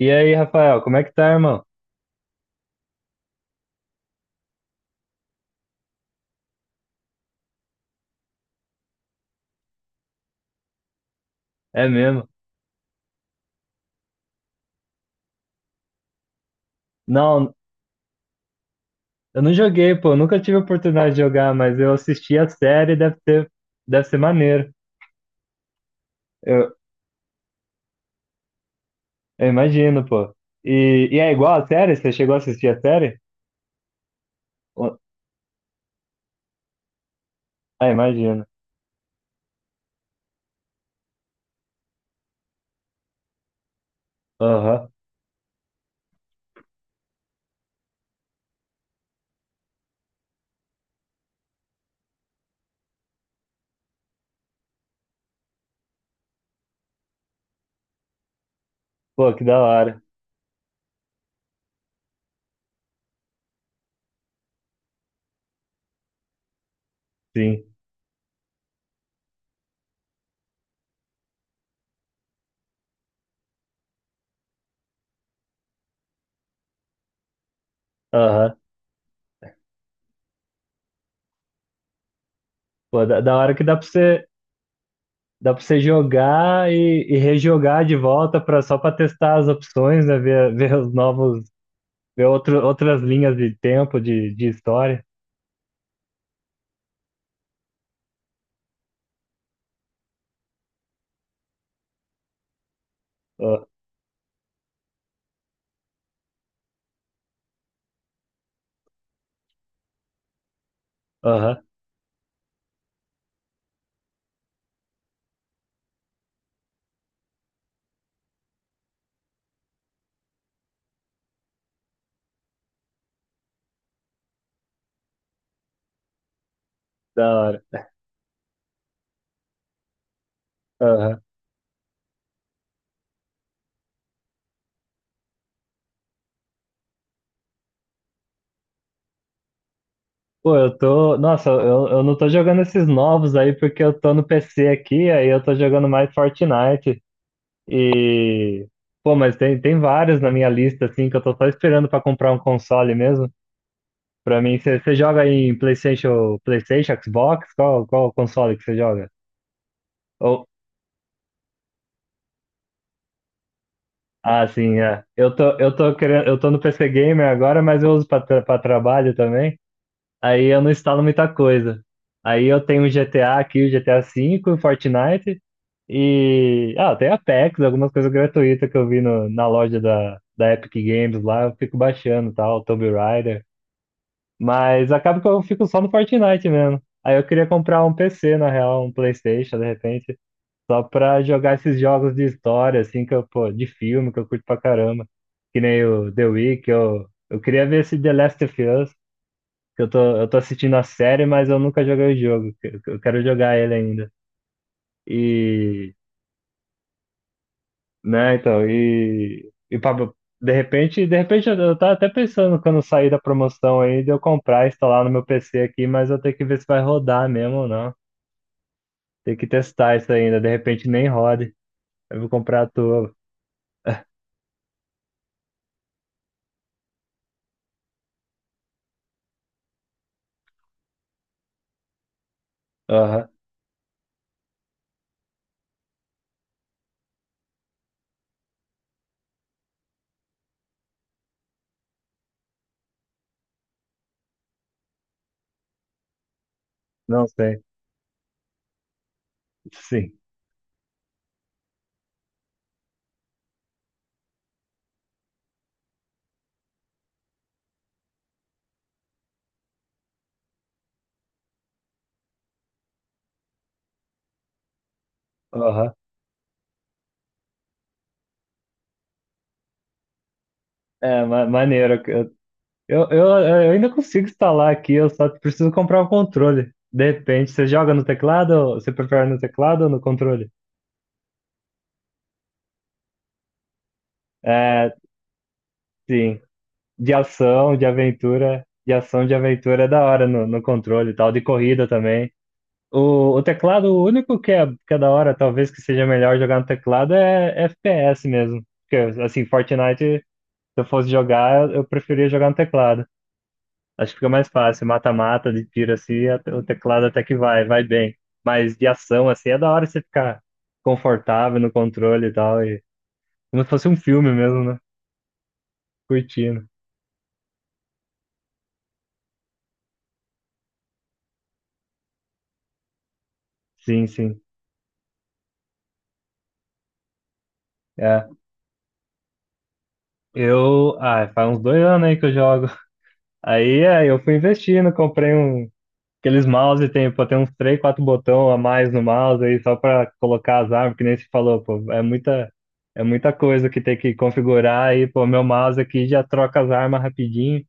E aí, Rafael, como é que tá, irmão? É mesmo? Não, eu não joguei, pô, nunca tive oportunidade de jogar, mas eu assisti a série, deve ser maneiro. Eu, eu imagino, pô. E é igual a série? Você chegou a assistir a série? Ou- Ah, imagino. Aham. Pô, que da hora. Sim. Aham. Pô, da hora que dá pra você jogar e rejogar de volta pra, só pra testar as opções, né? Ver os novos, ver outro, outras linhas de tempo, de história. Aham. Da hora. Aham. Pô, eu tô. Nossa, eu não tô jogando esses novos aí porque eu tô no PC aqui, aí eu tô jogando mais Fortnite. E. Pô, mas tem, tem vários na minha lista, assim, que eu tô só esperando pra comprar um console mesmo. Pra mim, você joga em PlayStation, PlayStation, Xbox? Qual console que você joga? Ou... Ah, sim, é. Eu tô querendo, eu tô no PC Gamer agora, mas eu uso pra, tra pra trabalho também. Aí eu não instalo muita coisa. Aí eu tenho o GTA aqui, o GTA V, o Fortnite e. Ah, tem Apex, algumas coisas gratuitas que eu vi no, na loja da Epic Games lá, eu fico baixando e tal, Tomb Raider. Mas acaba que eu fico só no Fortnite mesmo. Aí eu queria comprar um PC, na real, um PlayStation, de repente, só pra jogar esses jogos de história, assim, que eu, pô, de filme, que eu curto pra caramba. Que nem o The Witcher, eu queria ver esse The Last of Us que eu tô assistindo a série, mas eu nunca joguei o jogo. Que eu quero jogar ele ainda. E, né, então, e Pablo, de repente eu tava até pensando quando sair da promoção aí de eu comprar e instalar no meu PC aqui, mas eu tenho que ver se vai rodar mesmo ou não. Tem que testar isso ainda, de repente nem rode. Eu vou comprar a tua. Aham. Não sei. Sim. Aham. É, ma maneiro. Eu ainda consigo instalar aqui, eu só preciso comprar o controle. De repente, você joga no teclado? Você prefere no teclado ou no controle? É, sim. De ação, de aventura. De ação, de aventura é da hora no, no controle e tal. De corrida também. O teclado, o único que é da hora, talvez que seja melhor jogar no teclado, é FPS mesmo. Porque, assim, Fortnite, se eu fosse jogar, eu preferia jogar no teclado. Acho que fica mais fácil, mata-mata, de tiro assim, o teclado até que vai, vai bem. Mas de ação, assim, é da hora você ficar confortável no controle e tal, e como se fosse um filme mesmo, né? Curtindo. Sim, sim. É. Eu, ah, faz uns 2 anos aí que eu jogo. Aí é, eu fui investindo, comprei um, aqueles mouse, tem, pô, tem uns três, quatro botão a mais no mouse aí, só pra colocar as armas, que nem você falou, pô, é muita coisa que tem que configurar aí, pô, meu mouse aqui já troca as armas rapidinho.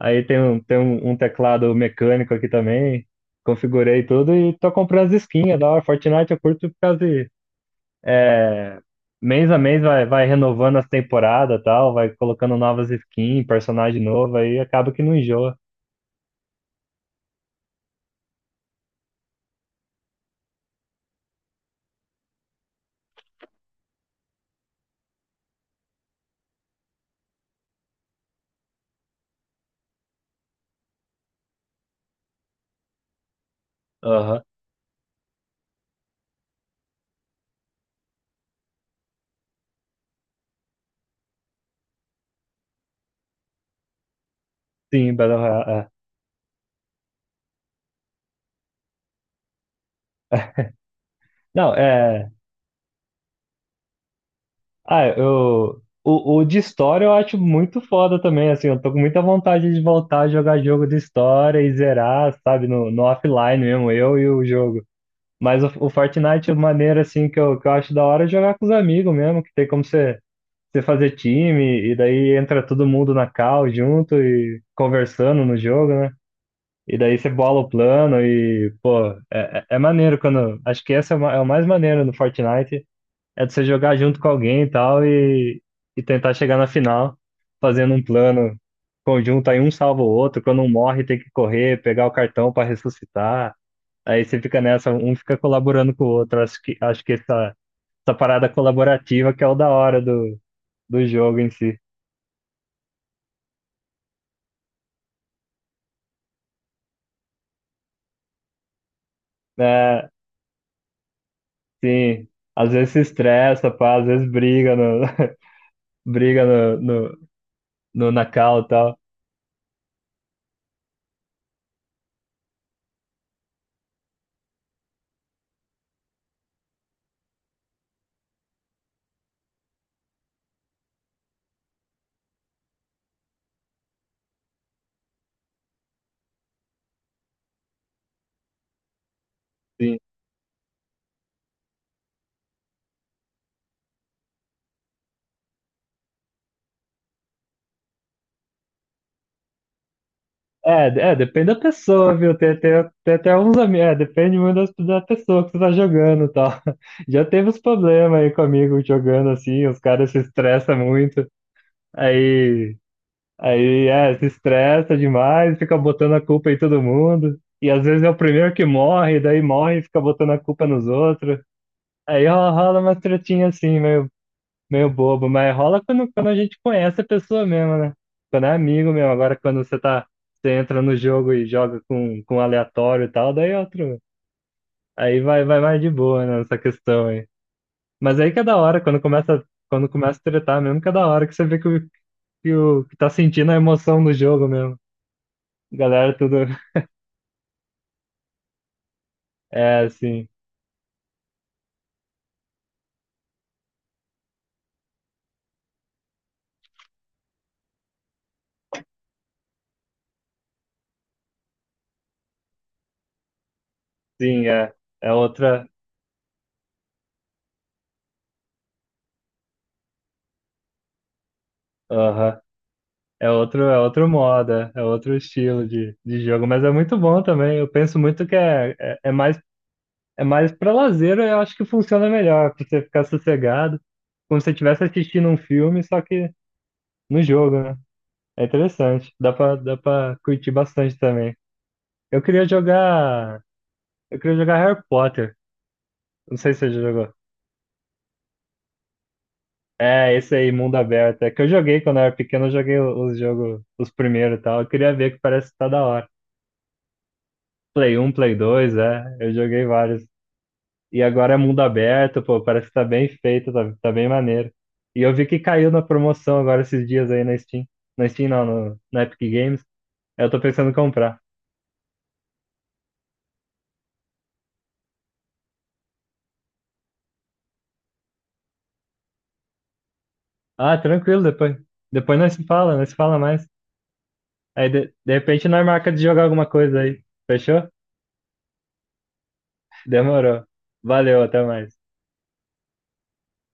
Aí tem um, um teclado mecânico aqui também. Configurei tudo e tô comprando as skins. É da hora. Fortnite eu curto por causa de. Mês a mês vai, vai renovando as temporadas e tal, vai colocando novas skins, personagem novo, aí acaba que não enjoa. Aham. Sim, Battle Royale. É. Não, é. Ah, eu. O de história eu acho muito foda também, assim. Eu tô com muita vontade de voltar a jogar jogo de história e zerar, sabe, no, no offline mesmo, eu e o jogo. Mas o Fortnite, a maneira assim que eu acho da hora é jogar com os amigos mesmo, que tem como você, você fazer time, e daí entra todo mundo na call junto e conversando no jogo, né? E daí você bola o plano e, pô, é, é é maneiro quando. Acho que essa é, é o mais maneiro no Fortnite, é de você jogar junto com alguém e tal, e tentar chegar na final fazendo um plano conjunto, aí um salva o outro, quando um morre tem que correr, pegar o cartão para ressuscitar. Aí você fica nessa, um fica colaborando com o outro. Acho que essa, essa parada colaborativa que é o da hora do, do jogo em si. É, sim, às vezes se estressa, pá, às vezes briga no, briga no, no, no na cal e tal. Sim. É, é, depende da pessoa, viu? Tem, tem, tem até uns amigos, é, depende muito da pessoa que você tá jogando e tal. Já teve uns problemas aí comigo jogando assim, os caras se estressam muito. Aí Aí é, se estressa demais, fica botando a culpa em todo mundo. E às vezes é o primeiro que morre, daí morre e fica botando a culpa nos outros. Aí rola umas tretinhas assim, meio, meio bobo, mas rola quando, quando a gente conhece a pessoa mesmo, né? Quando é amigo mesmo. Agora quando você tá, você entra no jogo e joga com um aleatório e tal, daí é outro. Aí vai, vai mais de boa, né, nessa questão aí. Mas aí que é da hora, quando começa a tretar mesmo, que é da hora que você vê que, que, o, que tá sentindo a emoção do jogo mesmo. Galera, tudo. É, sim, sim, é. É outra. Aham. É outro modo, é é outro estilo de jogo, mas é muito bom também. Eu penso muito que é, é, é mais para lazer, eu acho que funciona melhor, pra você ficar sossegado, como se você estivesse assistindo um filme, só que no jogo, né? É interessante, dá pra curtir bastante também. Eu queria jogar. Eu queria jogar Harry Potter. Não sei se você já jogou. É, esse aí, mundo aberto. É que eu joguei quando eu era pequeno, eu joguei os jogos, os primeiros e tal. Eu queria ver que parece que tá da hora. Play um, Play 2, é. Eu joguei vários. E agora é mundo aberto, pô, parece que tá bem feito, tá, tá bem maneiro. E eu vi que caiu na promoção agora esses dias aí na Steam. Na Steam não, no, na Epic Games. Aí eu tô pensando em comprar. Ah, tranquilo, depois. Depois nós se fala mais. Aí de repente nós marca de jogar alguma coisa aí. Fechou? Demorou. Valeu, até mais.